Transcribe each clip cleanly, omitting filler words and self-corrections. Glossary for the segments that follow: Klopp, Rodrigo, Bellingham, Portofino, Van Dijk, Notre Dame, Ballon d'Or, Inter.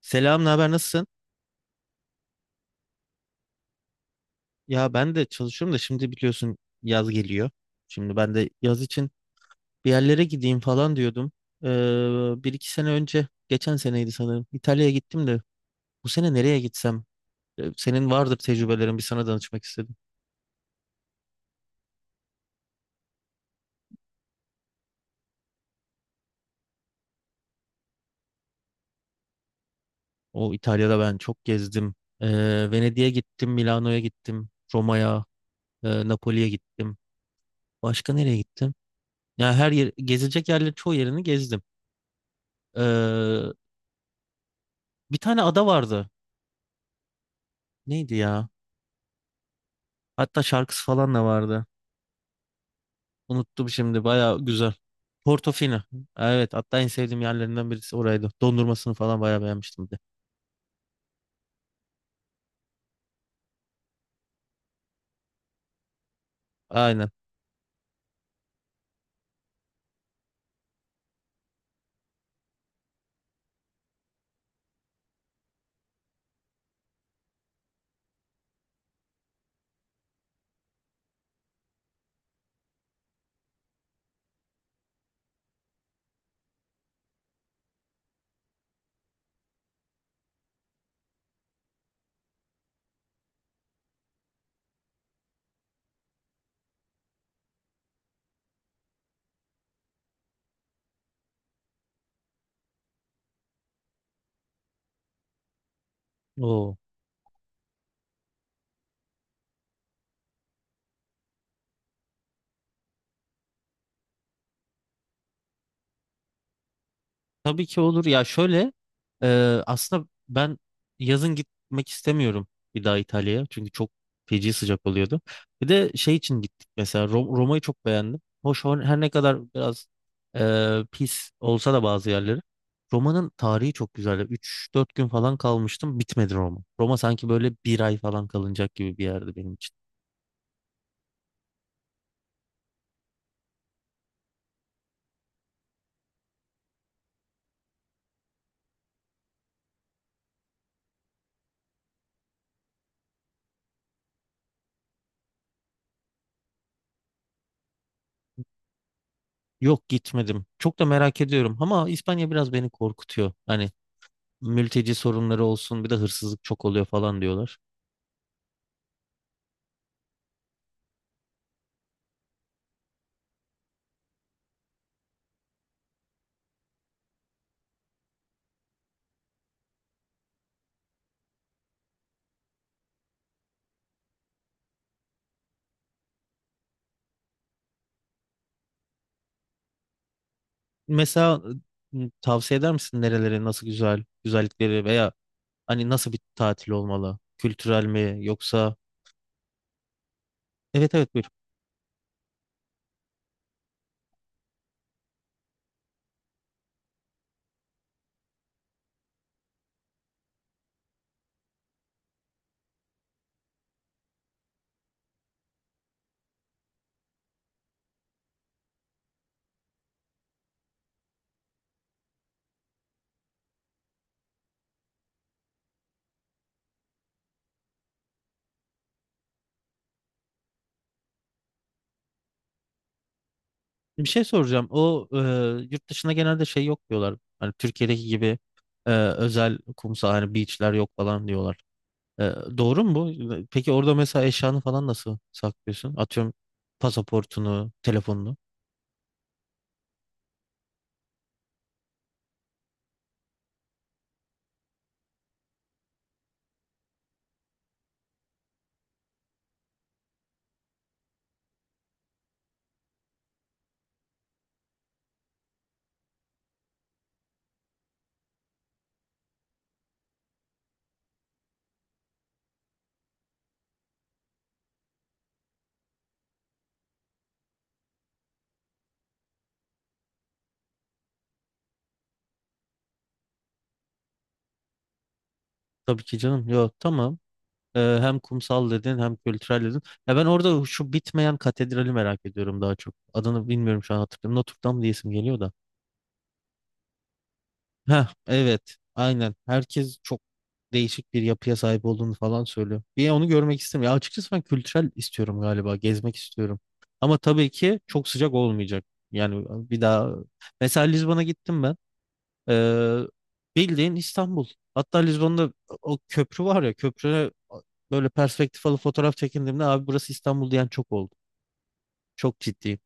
Selam, ne haber, nasılsın? Ya ben de çalışıyorum da şimdi biliyorsun yaz geliyor. Şimdi ben de yaz için bir yerlere gideyim falan diyordum. Bir iki sene önce, geçen seneydi sanırım. İtalya'ya gittim de bu sene nereye gitsem? Senin vardır tecrübelerin, bir sana danışmak istedim. O İtalya'da ben çok gezdim. Venedik'e gittim, Milano'ya gittim, Roma'ya, Napoli'ye gittim. Başka nereye gittim? Ya her yer, gezilecek yerlerin çoğu yerini gezdim. Ee, bir tane ada vardı. Neydi ya? Hatta şarkısı falan da vardı. Unuttum şimdi. Baya güzel. Portofino. Evet. Hatta en sevdiğim yerlerinden birisi oraydı. Dondurmasını falan baya beğenmiştim bir de. Aynen. Oo. Tabii ki olur. Ya şöyle, e, aslında ben yazın gitmek istemiyorum bir daha İtalya'ya. Çünkü çok feci sıcak oluyordu. Bir de şey için gittik mesela, Roma'yı çok beğendim. Hoş her ne kadar biraz pis olsa da bazı yerleri. Roma'nın tarihi çok güzel. 3-4 gün falan kalmıştım. Bitmedi Roma. Roma sanki böyle bir ay falan kalınacak gibi bir yerdi benim için. Yok, gitmedim. Çok da merak ediyorum ama İspanya biraz beni korkutuyor. Hani mülteci sorunları olsun, bir de hırsızlık çok oluyor falan diyorlar. Mesela, tavsiye eder misin nerelere, nasıl güzel güzellikleri veya hani nasıl bir tatil olmalı? Kültürel mi, yoksa? Evet evet, buyur. Bir şey soracağım. O yurt dışında genelde şey yok diyorlar. Hani Türkiye'deki gibi özel kumsal, hani beachler yok falan diyorlar. E, doğru mu bu? Peki orada mesela eşyanı falan nasıl saklıyorsun? Atıyorum, pasaportunu, telefonunu. Tabii ki canım. Yok, tamam. Hem kumsal dedin, hem kültürel dedin. Ya ben orada şu bitmeyen katedrali merak ediyorum daha çok. Adını bilmiyorum şu an, hatırlıyorum. Notre Dame diyesim geliyor da. Heh, evet aynen. Herkes çok değişik bir yapıya sahip olduğunu falan söylüyor. Bir onu görmek istemiyorum. Ya açıkçası ben kültürel istiyorum galiba. Gezmek istiyorum. Ama tabii ki çok sıcak olmayacak. Yani bir daha. Mesela Lizbon'a gittim ben. Ee, bildiğin İstanbul. Hatta Lizbon'da o köprü var ya, köprüne böyle perspektif alıp fotoğraf çekindiğimde abi burası İstanbul diyen çok oldu. Çok ciddi.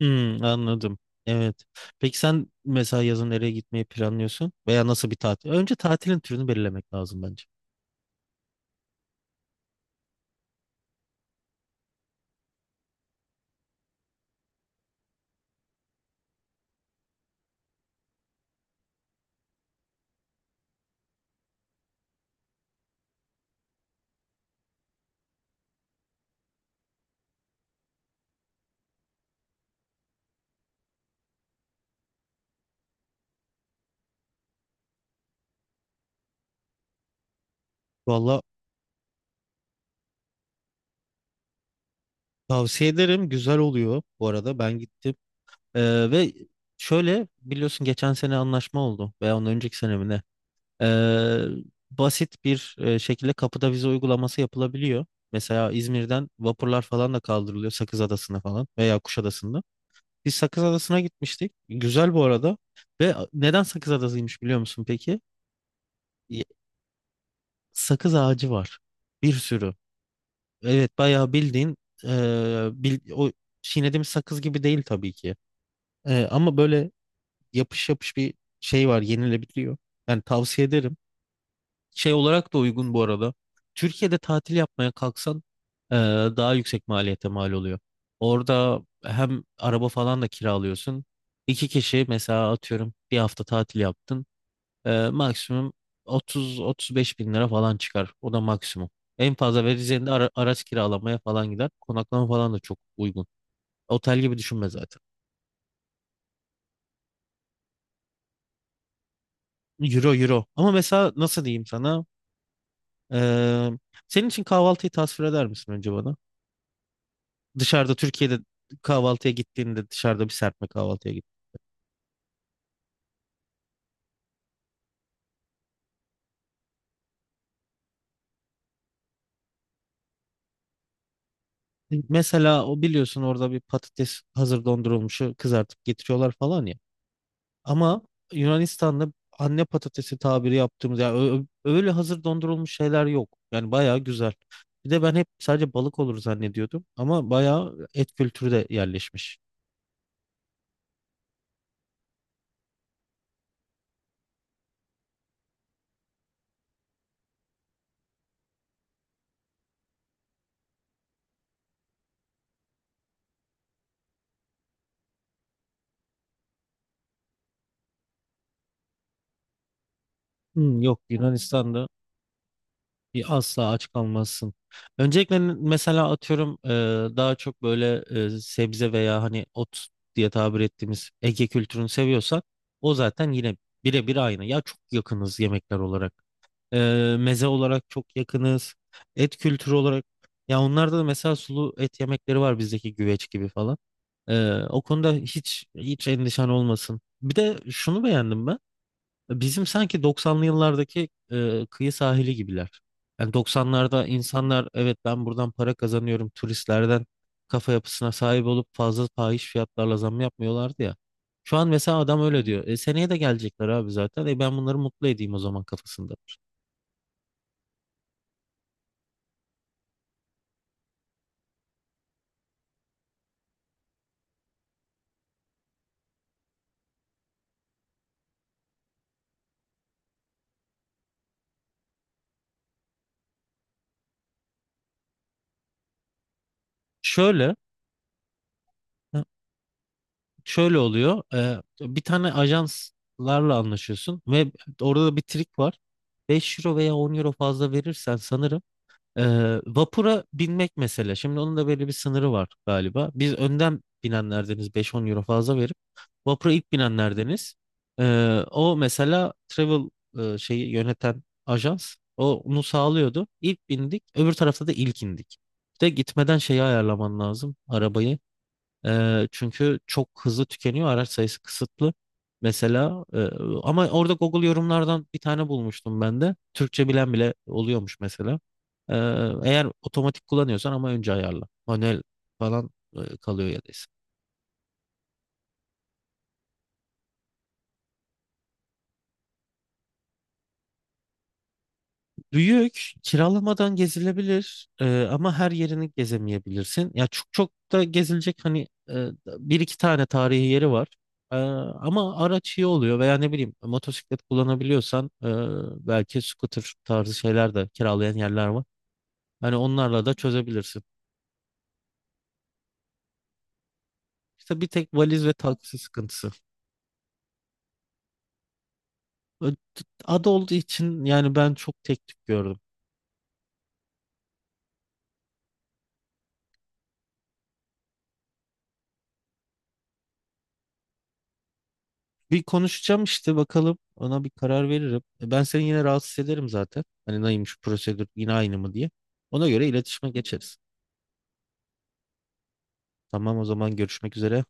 Hmm, anladım. Evet. Peki sen mesela yazın nereye gitmeyi planlıyorsun? Veya nasıl bir tatil? Önce tatilin türünü belirlemek lazım bence. Valla tavsiye ederim. Güzel oluyor bu arada. Ben gittim. Ve şöyle, biliyorsun, geçen sene anlaşma oldu. Veya ondan önceki sene mi ne? Ee, basit bir şekilde kapıda vize uygulaması yapılabiliyor. Mesela İzmir'den vapurlar falan da kaldırılıyor Sakız Adası'na falan, veya Kuşadası'nda. Biz Sakız Adası'na gitmiştik. Güzel bu arada. Ve neden Sakız Adası'ymış biliyor musun peki? Y- Sakız ağacı var. Bir sürü. Evet bayağı bildiğin, e, o çiğnediğimiz sakız gibi değil tabii ki. Ama böyle yapış yapış bir şey var, yenilebiliyor. Yani tavsiye ederim. Şey olarak da uygun bu arada. Türkiye'de tatil yapmaya kalksan e, daha yüksek maliyete mal oluyor. Orada hem araba falan da kiralıyorsun. İki kişi mesela atıyorum bir hafta tatil yaptın. Maksimum 30-35 bin lira falan çıkar. O da maksimum. En fazla vereceğin de araç kiralamaya falan gider. Konaklama falan da çok uygun. Otel gibi düşünme zaten. Euro euro. Ama mesela nasıl diyeyim sana? E, senin için kahvaltıyı tasvir eder misin önce bana? Dışarıda, Türkiye'de kahvaltıya gittiğinde, dışarıda bir serpme kahvaltıya git. Mesela o biliyorsun orada bir patates hazır dondurulmuşu kızartıp getiriyorlar falan ya. Ama Yunanistan'da anne patatesi tabiri yaptığımız ya, öyle hazır dondurulmuş şeyler yok. Yani bayağı güzel. Bir de ben hep sadece balık olur zannediyordum ama bayağı et kültürü de yerleşmiş. Hmm, yok, Yunanistan'da, bir asla aç kalmazsın. Öncelikle, mesela atıyorum, daha çok böyle sebze veya hani ot diye tabir ettiğimiz Ege kültürünü seviyorsak o zaten yine birebir aynı. Ya çok yakınız yemekler olarak. E, meze olarak çok yakınız. Et kültürü olarak, ya onlarda da mesela sulu et yemekleri var bizdeki güveç gibi falan. O konuda hiç hiç endişen olmasın. Bir de şunu beğendim ben. Bizim sanki 90'lı yıllardaki kıyı sahili gibiler. Yani 90'larda insanlar, evet ben buradan para kazanıyorum turistlerden kafa yapısına sahip olup fazla fahiş fiyatlarla zam yapmıyorlardı ya. Şu an mesela adam öyle diyor. Seneye de gelecekler abi zaten. Ben bunları mutlu edeyim o zaman kafasında. Şöyle şöyle oluyor. Bir tane ajanslarla anlaşıyorsun ve orada da bir trik var. 5 euro veya 10 euro fazla verirsen sanırım. Vapura binmek mesela. Şimdi onun da böyle bir sınırı var galiba. Biz önden binenlerdeniz, 5-10 euro fazla verip vapura ilk binenlerdeniz. Ee, o mesela travel şeyi yöneten ajans, o onu sağlıyordu. İlk bindik, öbür tarafta da ilk indik. Bir de gitmeden şeyi ayarlaman lazım, arabayı. Çünkü çok hızlı tükeniyor. Araç sayısı kısıtlı. Mesela, ama orada Google yorumlardan bir tane bulmuştum ben de. Türkçe bilen bile oluyormuş mesela. Eğer otomatik kullanıyorsan ama, önce ayarla. Manuel falan kalıyor ya da. Büyük, kiralamadan gezilebilir ama her yerini gezemeyebilirsin. Ya çok çok da gezilecek hani bir iki tane tarihi yeri var. Ama araç iyi oluyor, veya ne bileyim motosiklet kullanabiliyorsan belki scooter tarzı şeyler de kiralayan yerler var. Hani onlarla da çözebilirsin. İşte bir tek valiz ve taksi sıkıntısı. Ö- Ada olduğu için, yani ben çok tek tük gördüm. Bir konuşacağım işte, bakalım ona bir karar veririm. Ben seni yine rahatsız ederim zaten. Hani neymiş prosedür, yine aynı mı diye. Ona göre iletişime geçeriz. Tamam, o zaman görüşmek üzere.